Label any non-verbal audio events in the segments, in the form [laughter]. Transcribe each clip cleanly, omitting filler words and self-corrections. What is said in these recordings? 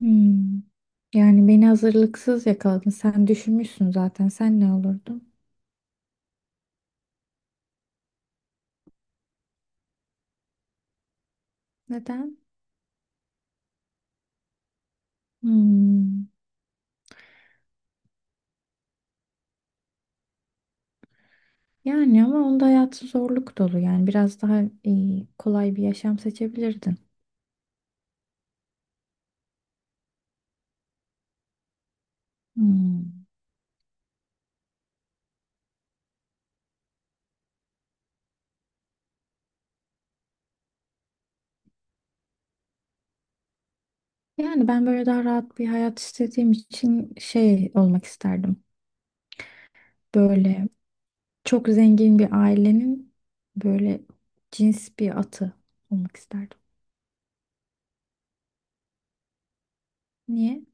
Hmm. Yani beni hazırlıksız yakaladın. Sen düşünmüşsün zaten. Sen ne olurdun? Neden? Hmm. Yani ama onda hayatı zorluk dolu. Yani biraz daha kolay bir yaşam seçebilirdin. Hmm. Yani ben böyle daha rahat bir hayat istediğim için şey olmak isterdim. Böyle çok zengin bir ailenin böyle cins bir atı olmak isterdim. Niye?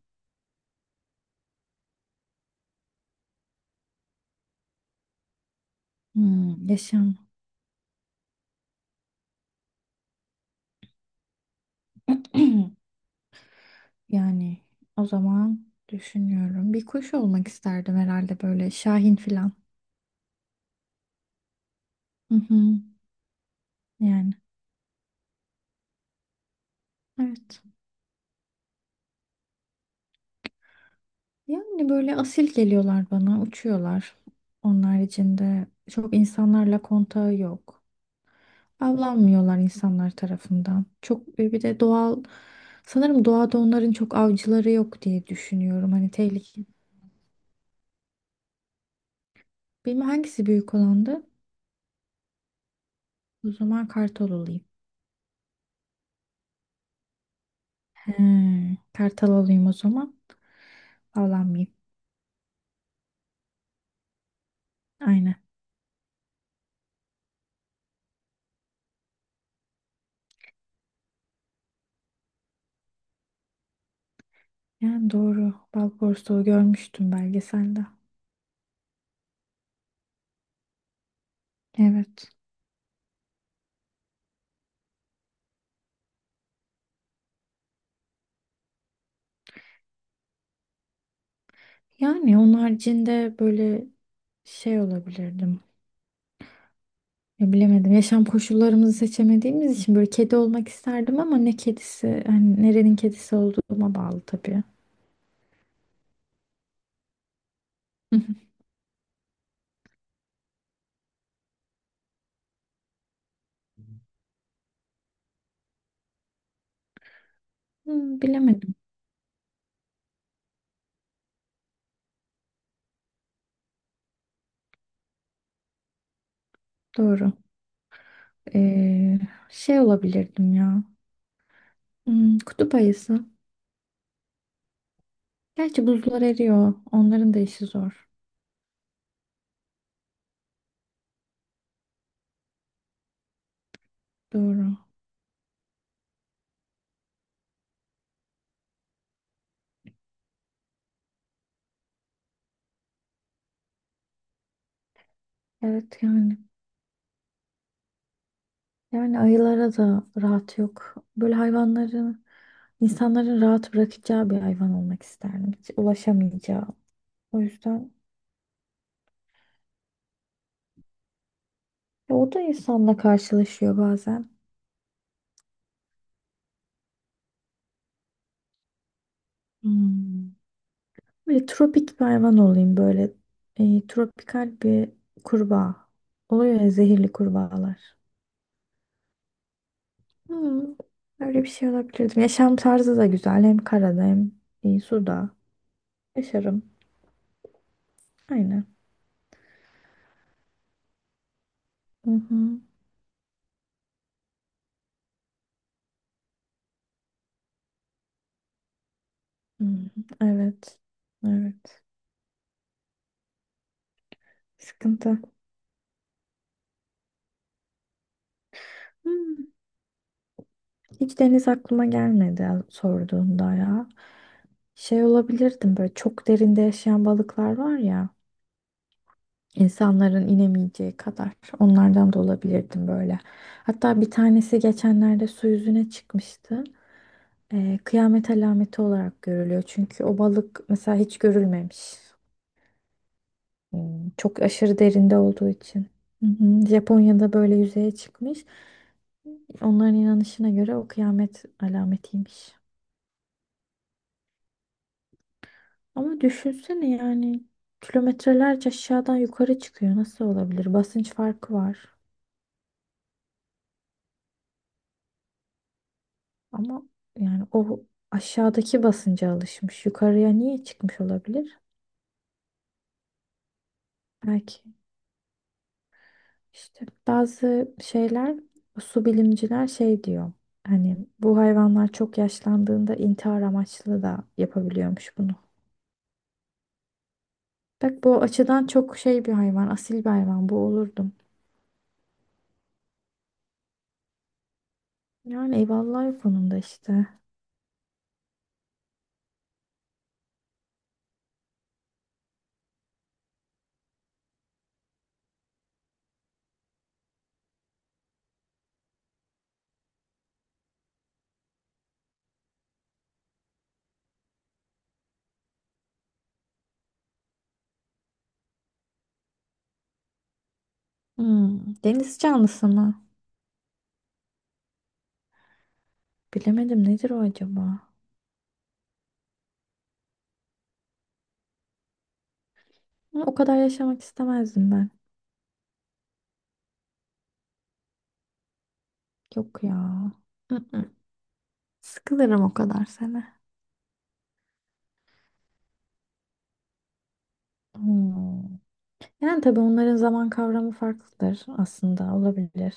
Hmm, yaşam. [clears throat] Yani o zaman düşünüyorum. Bir kuş olmak isterdim herhalde böyle şahin filan. Hı hı. Yani evet. Yani böyle asil geliyorlar bana, uçuyorlar. Onlar içinde çok insanlarla kontağı yok. Avlanmıyorlar insanlar tarafından. Çok bir de doğal sanırım doğada onların çok avcıları yok diye düşünüyorum. Hani tehlike. Bilmem hangisi büyük olandı. O zaman kartal olayım. He, kartal olayım o zaman. Avlanmayayım. Aynen. Yani doğru. Bal porsuğu görmüştüm belgeselde. Evet. Yani onun haricinde böyle şey olabilirdim. Ya bilemedim. Yaşam koşullarımızı seçemediğimiz için böyle kedi olmak isterdim ama ne kedisi, hani nerenin kedisi olduğuma bağlı tabii. Hı hı. Hmm, bilemedim. Doğru. Ee, Şey olabilirdim ya. Hmm, kutup ayısı. Gerçi buzlar eriyor. Onların da işi zor. Doğru. Evet yani. Yani ayılara da rahat yok. Böyle hayvanların, insanların rahat bırakacağı bir hayvan olmak isterdim. Hiç ulaşamayacağı. O yüzden ya o da insanla karşılaşıyor bazen. Hmm. Böyle tropik bir hayvan olayım böyle. Tropikal bir kurbağa. Oluyor ya zehirli kurbağalar. Hmm, öyle bir şey olabilirdim. Yaşam tarzı da güzel. Hem karada hem suda. Yaşarım. Aynen. Hı hı. Hı hı. Evet. Evet. Sıkıntı. Hmm, hiç deniz aklıma gelmedi sorduğunda ya. Şey olabilirdim böyle çok derinde yaşayan balıklar var ya. İnsanların inemeyeceği kadar onlardan da olabilirdim böyle. Hatta bir tanesi geçenlerde su yüzüne çıkmıştı. Kıyamet alameti olarak görülüyor. Çünkü o balık mesela hiç görülmemiş. Hmm, çok aşırı derinde olduğu için. Hı hı. Japonya'da böyle yüzeye çıkmış. Onların inanışına göre o kıyamet alametiymiş. Ama düşünsene yani kilometrelerce aşağıdan yukarı çıkıyor. Nasıl olabilir? Basınç farkı var. Ama yani o aşağıdaki basınca alışmış. Yukarıya niye çıkmış olabilir? Belki işte bazı şeyler su bilimciler şey diyor. Hani bu hayvanlar çok yaşlandığında intihar amaçlı da yapabiliyormuş bunu. Bak bu açıdan çok şey bir hayvan, asil bir hayvan bu olurdum. Yani eyvallah o konuda işte. Hmm, deniz canlısı mı? Bilemedim nedir o acaba? Ama o kadar yaşamak istemezdim ben. Yok ya. Mm-mm. Sıkılırım o kadar sene. Hmm. Yani tabii onların zaman kavramı farklıdır aslında olabilir.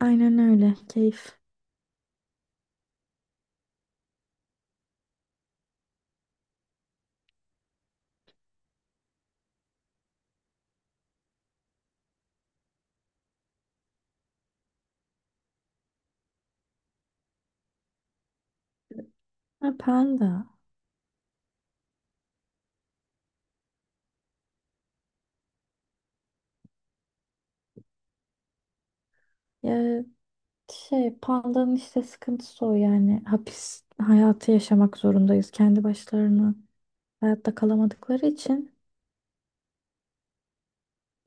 Aynen öyle. Keyif. Ha, panda. Ya şey pandanın işte sıkıntısı o yani hapis hayatı yaşamak zorundayız kendi başlarına. Hayatta kalamadıkları için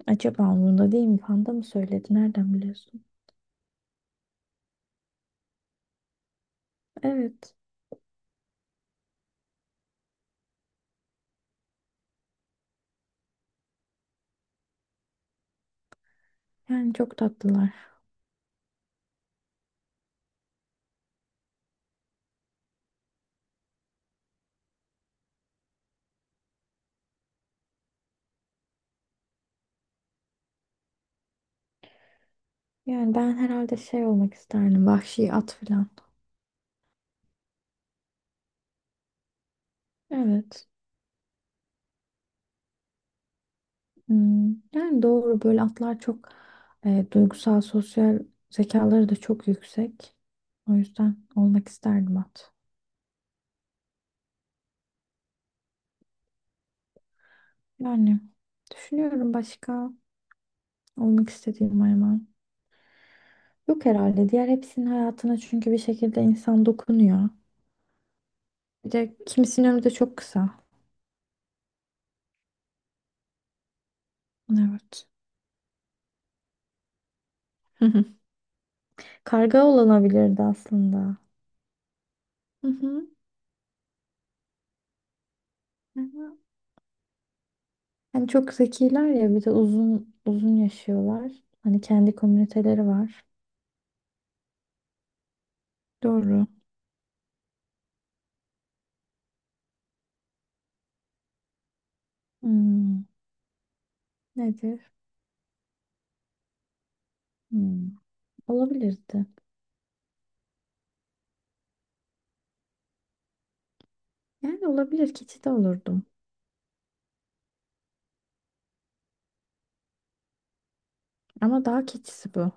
acaba umurunda değil mi? Panda mı söyledi? Nereden biliyorsun? Evet. Yani çok tatlılar. Yani ben herhalde şey olmak isterdim. Vahşi at falan. Evet. Hmm, yani doğru böyle atlar çok duygusal, sosyal zekaları da çok yüksek. O yüzden olmak isterdim at. Yani düşünüyorum başka olmak istediğim hayvan. Yok herhalde. Diğer hepsinin hayatına çünkü bir şekilde insan dokunuyor. Bir de kimisinin ömrü de çok kısa. Evet. [laughs] Karga olanabilirdi aslında. Hı hı. Hani çok zekiler ya bir de uzun uzun yaşıyorlar. Hani kendi komüniteleri var. Doğru. Hmm, nedir? Hmm, olabilirdi. Yani olabilir keçi de olurdum. Ama daha keçisi bu.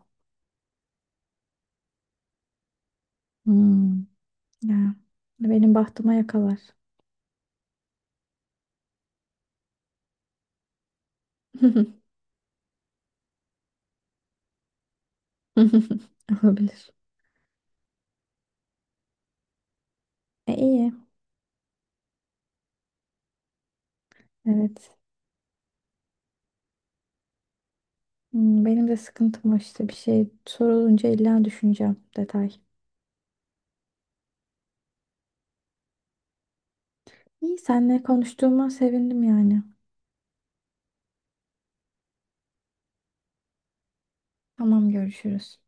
Hmm, ya. Benim bahtıma yakalar. [laughs] Olabilir. E, iyi. Evet. Hmm, benim de sıkıntım o işte bir şey sorulunca illa düşüneceğim detay. İyi seninle konuştuğuma sevindim yani. Tamam, görüşürüz.